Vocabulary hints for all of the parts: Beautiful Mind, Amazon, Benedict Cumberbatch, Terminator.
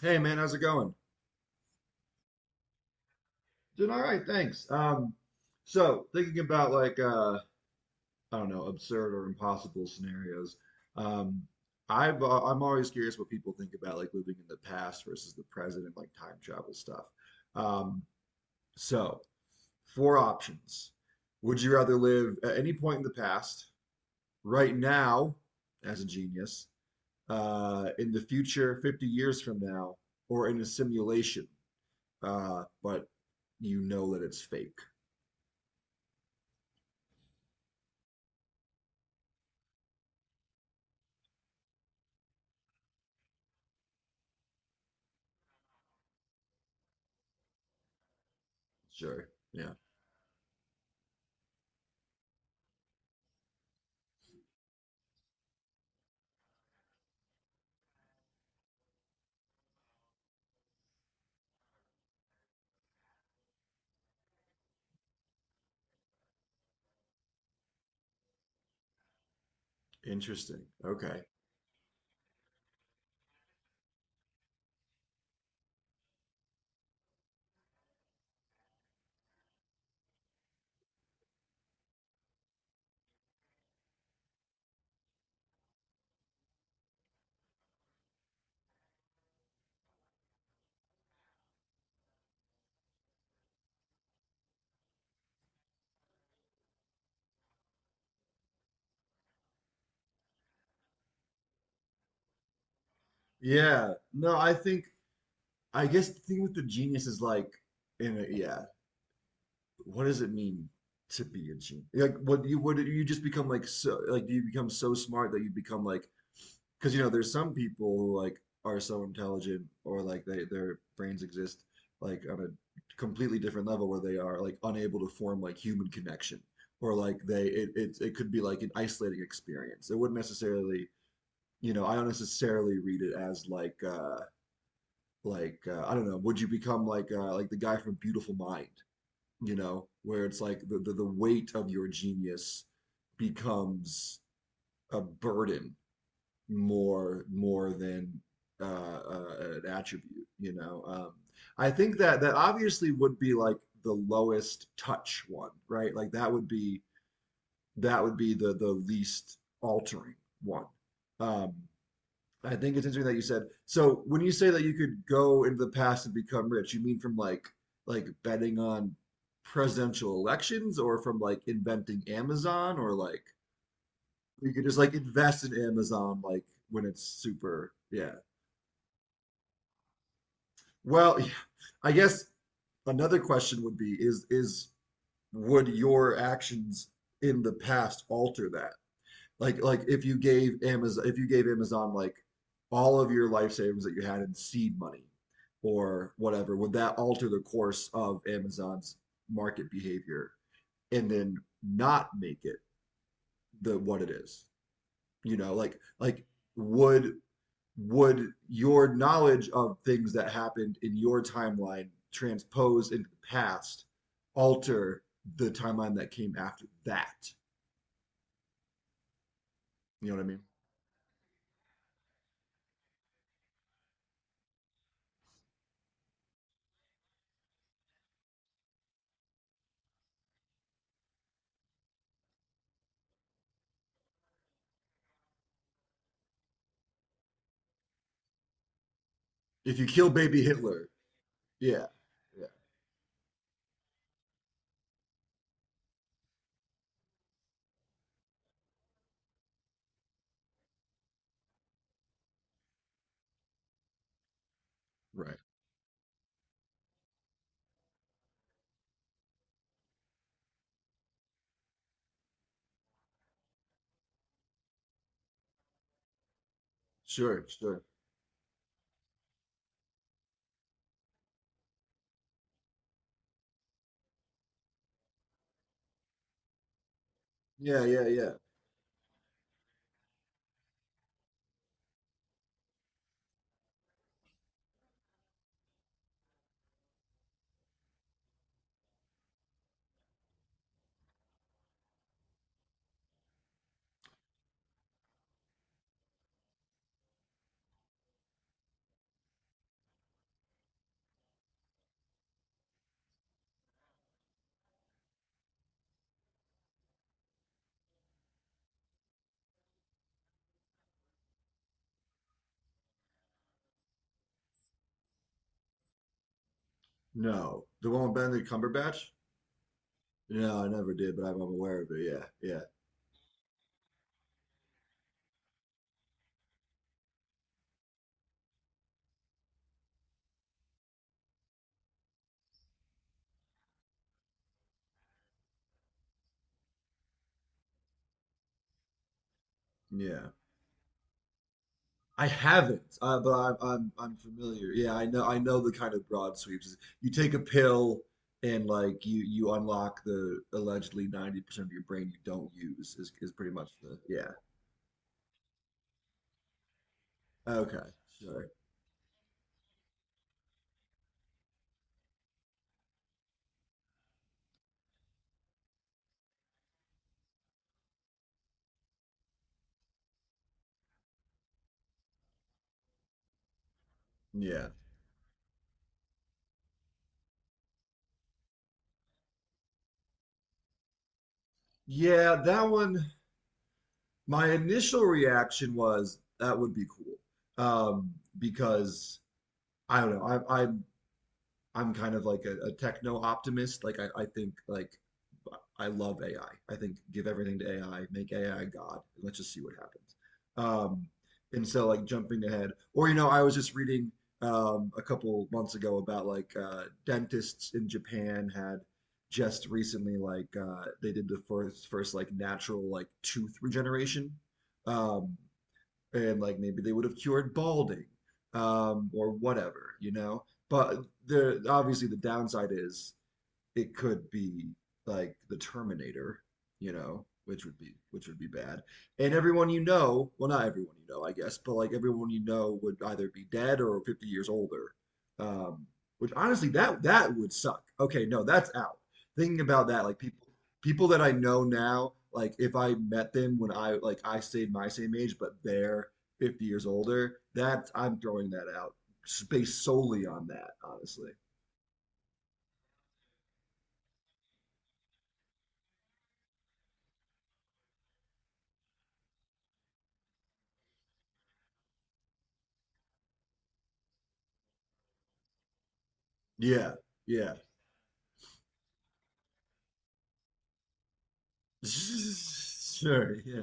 Hey man, how's it going? Doing all right, thanks. So thinking about I don't know, absurd or impossible scenarios. Um, I'm always curious what people think about like living in the past versus the present and like time travel stuff. Um, so four options. Would you rather live at any point in the past, right now, as a genius, in the future, 50 years from now, or in a simulation, but you know that it's fake? Sure. Yeah. Interesting. Okay. Yeah. No, I think I guess the thing with the genius is like in a, yeah, what does it mean to be a genius? Like what do you just become? Like, so like, do you become so smart that you become like, because you know there's some people who like are so intelligent, or like they, their brains exist like on a completely different level where they are like unable to form like human connection, or like it could be like an isolating experience. It wouldn't necessarily, you know, I don't necessarily read it as like, I don't know, would you become like the guy from Beautiful Mind, you know, where it's like the weight of your genius becomes a burden more than an attribute, you know. I think that that obviously would be like the lowest touch one, right? Like that would be, that would be the least altering one. Um I think it's interesting that you said. So when you say that you could go into the past and become rich, you mean from like betting on presidential elections, or from like inventing Amazon, or like you could just like invest in Amazon like when it's super. Yeah. Well, yeah. I guess another question would be, is, would your actions in the past alter that? Like, if you gave Amazon, if you gave Amazon like all of your life savings that you had in seed money or whatever, would that alter the course of Amazon's market behavior and then not make it the what it is? You know, like, would would your knowledge of things that happened in your timeline transposed into the past alter the timeline that came after that? You know what I mean? If you kill baby Hitler, yeah, yeah. Right. Sure, sure. Yeah, yeah, yeah. No. The one with Benedict Cumberbatch? No, I never did, but I'm aware of it. Yeah, yeah, yeah. I haven't, but I'm familiar. Yeah, I know, I know the kind of broad sweeps. You take a pill and like you unlock the allegedly 90% of your brain you don't use is pretty much the, yeah. Okay, sure. Yeah. Yeah, that one, my initial reaction was that would be cool. Um, because I don't know. I I'm kind of like a techno optimist. Like I think like I love AI. I think give everything to AI, make AI God, and let's just see what happens. Um, and so like jumping ahead, or you know, I was just reading a couple months ago about dentists in Japan had just recently like they did the first like natural like tooth regeneration. Um, and like maybe they would have cured balding or whatever, you know. But there, obviously the downside is it could be like the Terminator, you know, which would be, which would be bad. And everyone you know, well, not everyone you know, I guess, but like everyone you know would either be dead or 50 years older. Um, which honestly, that would suck. Okay, no, that's out. Thinking about that, like people that I know now, like if I met them when I, like I stayed my same age, but they're 50 years older, that I'm throwing that out based solely on that, honestly. Yeah, yeah. Sure, yeah.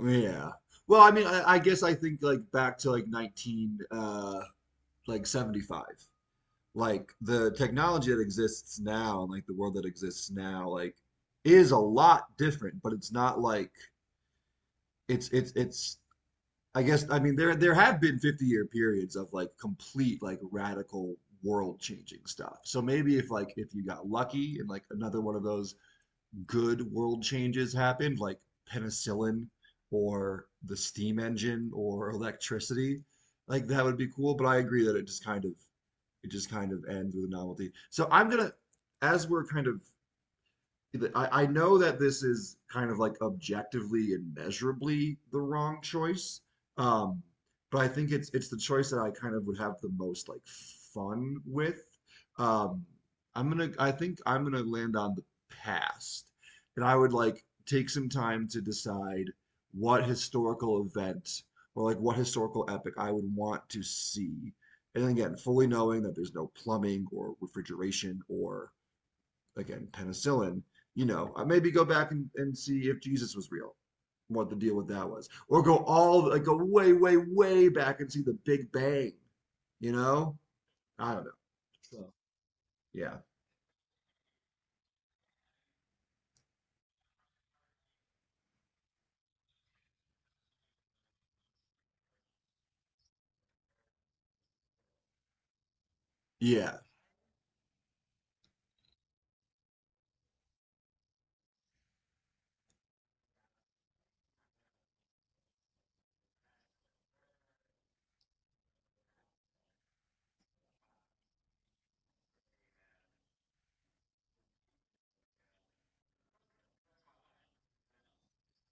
Yeah. Well, I mean, I guess I think like back to like 19 like 75. Like the technology that exists now and like the world that exists now like is a lot different, but it's not like it's, I guess, I mean, there have been 50-year periods of like complete like radical world changing stuff. So maybe if like, if you got lucky and like another one of those good world changes happened, like penicillin or the steam engine or electricity, like that would be cool. But I agree that it just kind of, it just kind of ends with a novelty. So I'm gonna, as we're kind of, I know that this is kind of like objectively and measurably the wrong choice, um, but I think it's the choice that I kind of would have the most like fun with. Um, I think I'm gonna land on the past, and I would like take some time to decide what historical event or like what historical epic I would want to see. And again, fully knowing that there's no plumbing or refrigeration or, again, penicillin, you know, maybe go back and see if Jesus was real, what the deal with that was. Or go all, like, go way, way, way back and see the Big Bang, you know? I don't know. So, yeah. Yeah.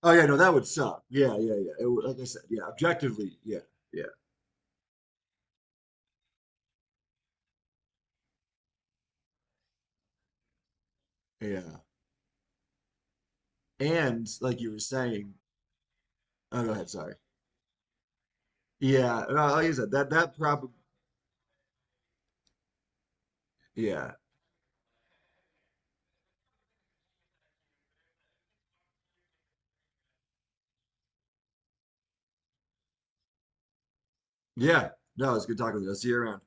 Oh, yeah, no, that would suck. Yeah, yeah, yeah. It would, like I said, yeah, objectively, yeah, yeah, yeah. And like you were saying, oh, go ahead, sorry. Yeah, no, like you said, that, that probably, yeah, yeah. No, it's good talking with you. I'll see you around.